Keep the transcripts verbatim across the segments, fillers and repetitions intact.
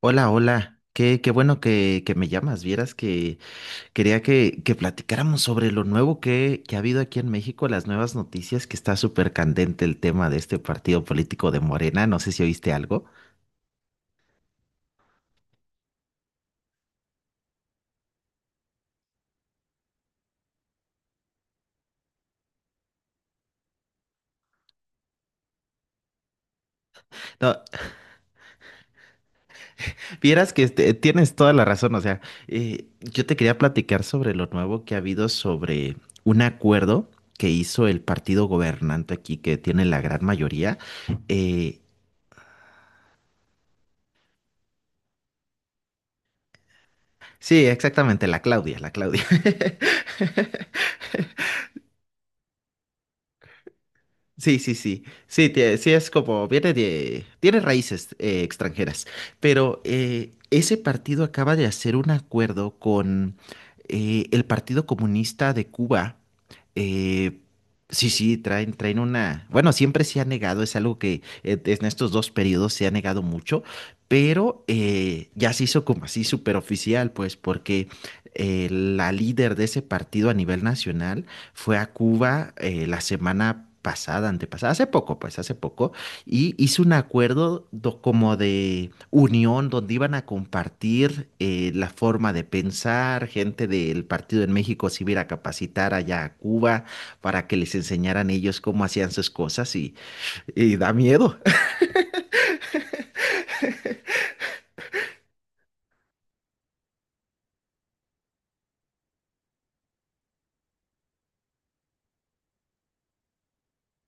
Hola, hola. Qué, qué bueno que, que me llamas. Vieras que quería que, que platicáramos sobre lo nuevo que, que ha habido aquí en México, las nuevas noticias, que está súper candente el tema de este partido político de Morena. No sé si oíste algo. No, vieras que este, tienes toda la razón. O sea, eh, yo te quería platicar sobre lo nuevo que ha habido sobre un acuerdo que hizo el partido gobernante aquí, que tiene la gran mayoría. Eh, sí, exactamente, la Claudia, la Claudia. Sí, sí, sí. Sí, tie- sí es como, viene de, tiene raíces eh, extranjeras. Pero eh, ese partido acaba de hacer un acuerdo con eh, el Partido Comunista de Cuba. Eh, sí, sí, traen, traen una. Bueno, siempre se ha negado, es algo que eh, en estos dos periodos se ha negado mucho, pero eh, ya se hizo como así súper oficial, pues, porque eh, la líder de ese partido a nivel nacional fue a Cuba eh, la semana pasada, antepasada, hace poco, pues hace poco, y hizo un acuerdo do- como de unión donde iban a compartir eh, la forma de pensar, gente del partido en México se iba a ir a capacitar allá a Cuba para que les enseñaran ellos cómo hacían sus cosas y, y, da miedo.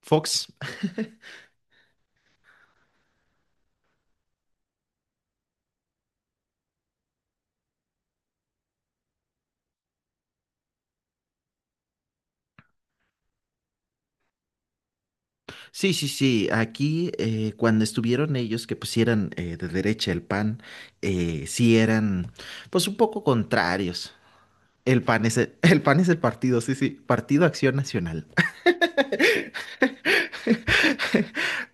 Fox, sí, sí, sí, aquí eh, cuando estuvieron ellos que pues pusieran eh, de derecha el P A N, eh, sí eran pues un poco contrarios. El P A N es el, el P A N es el partido, sí, sí, Partido Acción Nacional.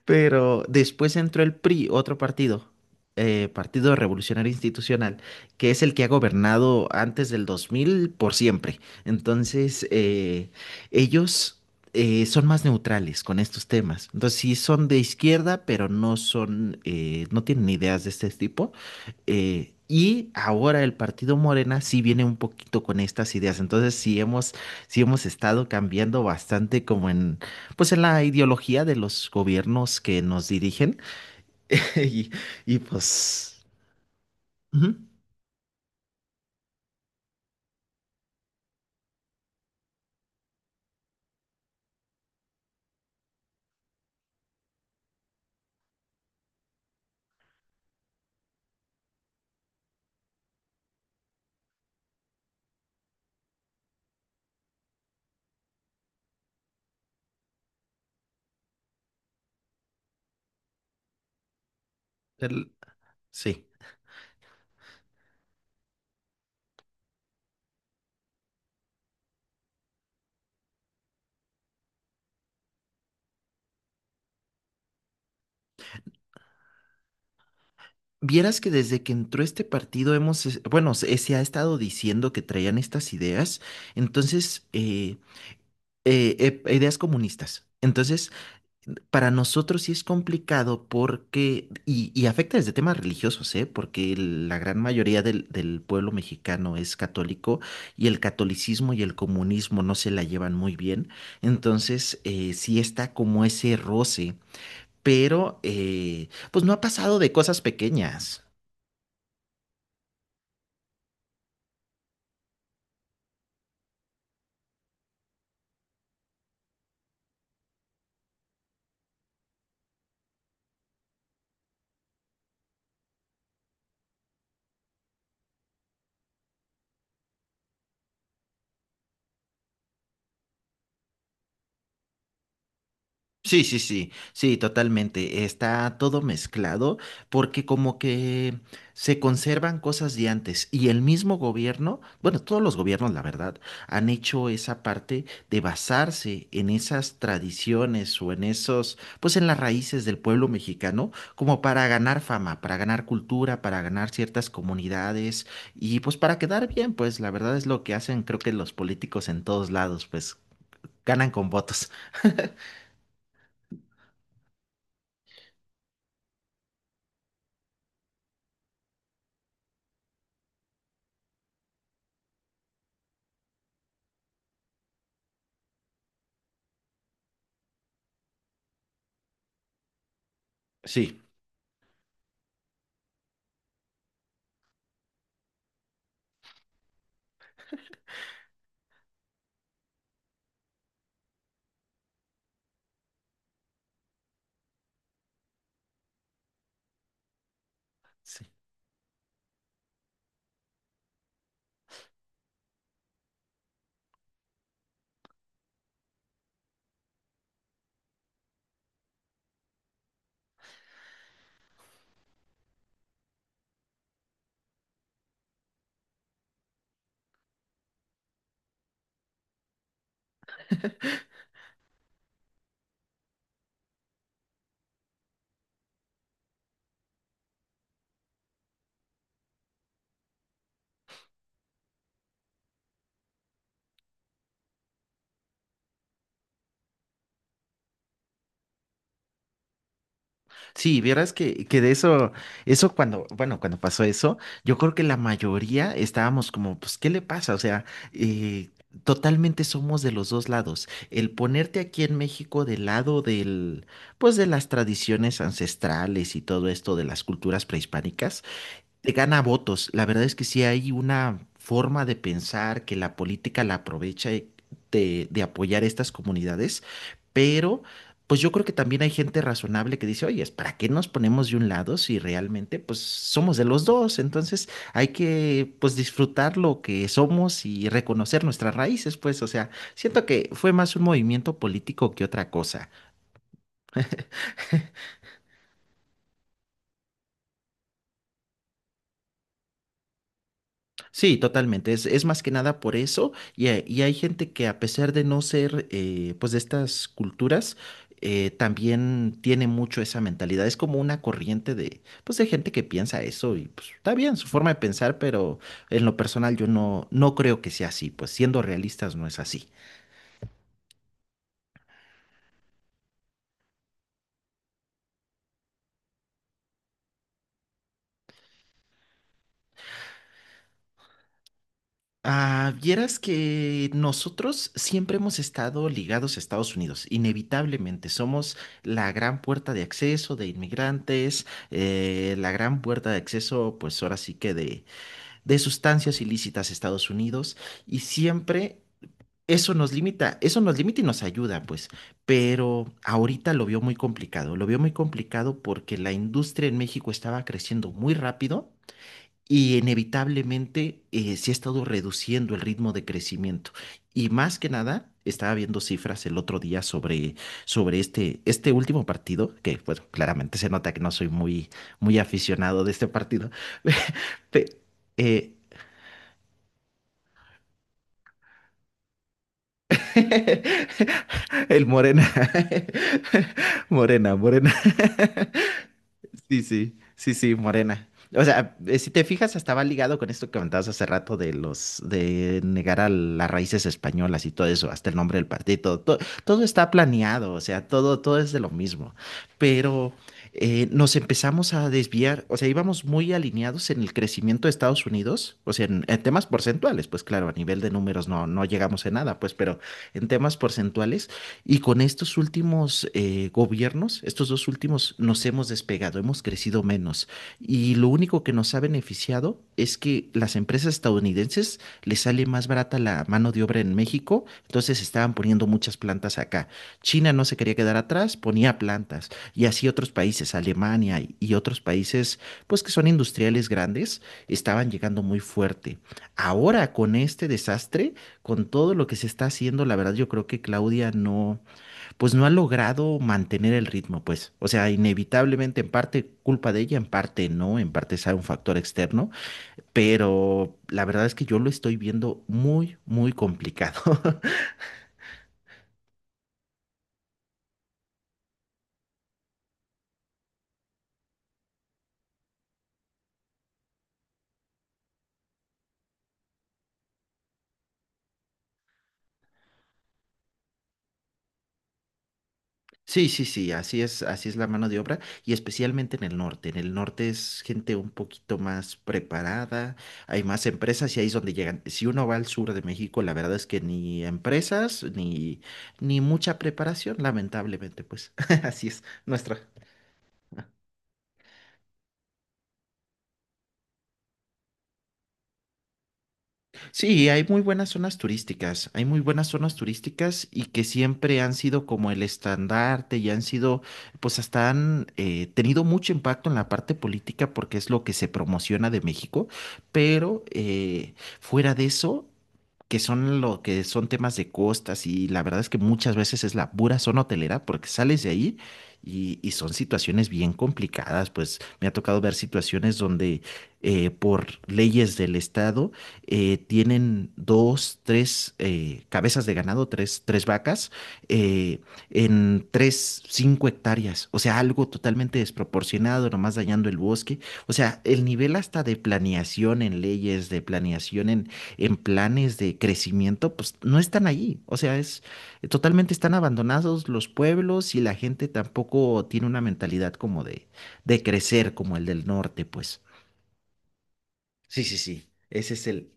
Pero después entró el P R I, otro partido, eh, Partido Revolucionario Institucional, que es el que ha gobernado antes del dos mil por siempre. Entonces, eh, ellos eh, son más neutrales con estos temas. Entonces, sí son de izquierda, pero no son, eh, no tienen ideas de este tipo. Eh, y ahora el Partido Morena sí viene un poquito con estas ideas. Entonces, sí hemos, sí hemos estado cambiando bastante como en pues en la ideología de los gobiernos que nos dirigen y, y pues ujú, el- sí. Vieras que desde que entró este partido hemos, es- bueno, se, se ha estado diciendo que traían estas ideas, entonces, eh, eh, eh, ideas comunistas. Entonces, para nosotros sí es complicado porque, y, y afecta desde temas religiosos, ¿eh? Porque el- la gran mayoría del, del pueblo mexicano es católico y el catolicismo y el comunismo no se la llevan muy bien. Entonces, eh, sí está como ese roce, pero eh, pues no ha pasado de cosas pequeñas. Sí, sí, sí, sí, totalmente. Está todo mezclado porque como que se conservan cosas de antes y el mismo gobierno, bueno, todos los gobiernos, la verdad, han hecho esa parte de basarse en esas tradiciones o en esos, pues en las raíces del pueblo mexicano, como para ganar fama, para ganar cultura, para ganar ciertas comunidades y pues para quedar bien, pues la verdad es lo que hacen, creo que los políticos en todos lados, pues ganan con votos. Sí. Sí, vieras que, que de eso, eso cuando, bueno, cuando pasó eso, yo creo que la mayoría estábamos como, pues, ¿qué le pasa? O sea, eh, totalmente somos de los dos lados. El ponerte aquí en México del lado del, pues, de las tradiciones ancestrales y todo esto de las culturas prehispánicas te gana votos. La verdad es que sí hay una forma de pensar que la política la aprovecha y- de, de, apoyar estas comunidades, pero pues yo creo que también hay gente razonable que dice, oye, ¿para qué nos ponemos de un lado si realmente pues somos de los dos? Entonces hay que pues disfrutar lo que somos y reconocer nuestras raíces, pues, o sea, siento que fue más un movimiento político que otra cosa. Sí, totalmente. Es, es más que nada por eso. Y, hay y hay gente que a pesar de no ser eh, pues de estas culturas, eh, también tiene mucho esa mentalidad. Es como una corriente de, pues, de gente que piensa eso y pues está bien su forma de pensar, pero en lo personal yo no, no creo que sea así. Pues siendo realistas no es así. Ah, vieras que nosotros siempre hemos estado ligados a Estados Unidos, inevitablemente. Somos la gran puerta de acceso de inmigrantes, eh, la gran puerta de acceso, pues ahora sí que de, de, sustancias ilícitas a Estados Unidos. Y siempre eso nos limita, eso nos limita y nos ayuda, pues. Pero ahorita lo vio muy complicado, lo vio muy complicado porque la industria en México estaba creciendo muy rápido. Y inevitablemente eh, sí ha estado reduciendo el ritmo de crecimiento. Y más que nada, estaba viendo cifras el otro día sobre, sobre este, este último partido, que bueno, claramente se nota que no soy muy, muy aficionado de este partido. Pe- eh, el Morena. Morena, Morena. Sí, sí, sí, sí, morena. O sea, eh, si te fijas, estaba ligado con esto que comentabas hace rato de los, de negar a las raíces españolas y todo eso, hasta el nombre del partido, todo, todo está planeado, o sea, todo, todo es de lo mismo. Pero eh, nos empezamos a desviar, o sea, íbamos muy alineados en el crecimiento de Estados Unidos, o sea, en, en temas porcentuales, pues claro, a nivel de números no, no llegamos a nada, pues, pero en temas porcentuales y con estos últimos eh, gobiernos, estos dos últimos, nos hemos despegado, hemos crecido menos. Y lo único que nos ha beneficiado es que las empresas estadounidenses les sale más barata la mano de obra en México, entonces estaban poniendo muchas plantas acá. China no se quería quedar atrás, ponía plantas. Y así otros países, Alemania y, y otros países, pues que son industriales grandes, estaban llegando muy fuerte. Ahora con este desastre, con todo lo que se está haciendo, la verdad yo creo que Claudia no, pues no ha logrado mantener el ritmo, pues. O sea, inevitablemente en parte culpa de ella, en parte no, en parte es un factor externo, pero la verdad es que yo lo estoy viendo muy, muy complicado. Sí, sí, sí, así es, así es la mano de obra y especialmente en el norte. En el norte es gente un poquito más preparada, hay más empresas y ahí es donde llegan. Si uno va al sur de México, la verdad es que ni empresas ni ni mucha preparación, lamentablemente, pues así es nuestra. Sí, hay muy buenas zonas turísticas, hay muy buenas zonas turísticas y que siempre han sido como el estandarte y han sido, pues hasta han eh, tenido mucho impacto en la parte política porque es lo que se promociona de México, pero eh, fuera de eso que son lo que son temas de costas y la verdad es que muchas veces es la pura zona hotelera porque sales de ahí y, y son situaciones bien complicadas, pues me ha tocado ver situaciones donde eh, por leyes del estado eh, tienen dos, tres eh, cabezas de ganado, tres, tres vacas eh, en tres, cinco hectáreas, o sea, algo totalmente desproporcionado, nomás dañando el bosque, o sea, el nivel hasta de planeación en leyes, de planeación en en planes de crecimiento, pues no están allí. O sea, es totalmente están abandonados los pueblos y la gente tampoco tiene una mentalidad como de, de crecer como el del norte, pues. Sí, sí, sí. Ese es el.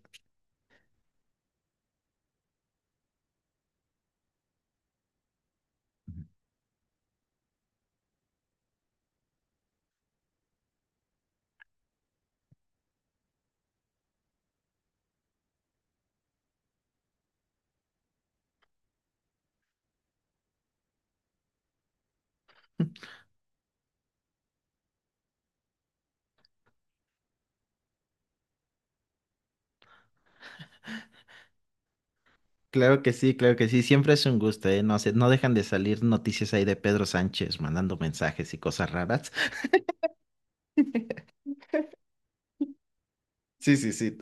Claro que sí, claro que sí. Siempre es un gusto, ¿eh? No sé, no dejan de salir noticias ahí de Pedro Sánchez mandando mensajes y cosas raras. Sí, sí, sí.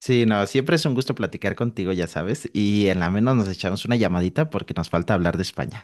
Sí, no, siempre es un gusto platicar contigo, ya sabes. Y en la menos nos echamos una llamadita porque nos falta hablar de España.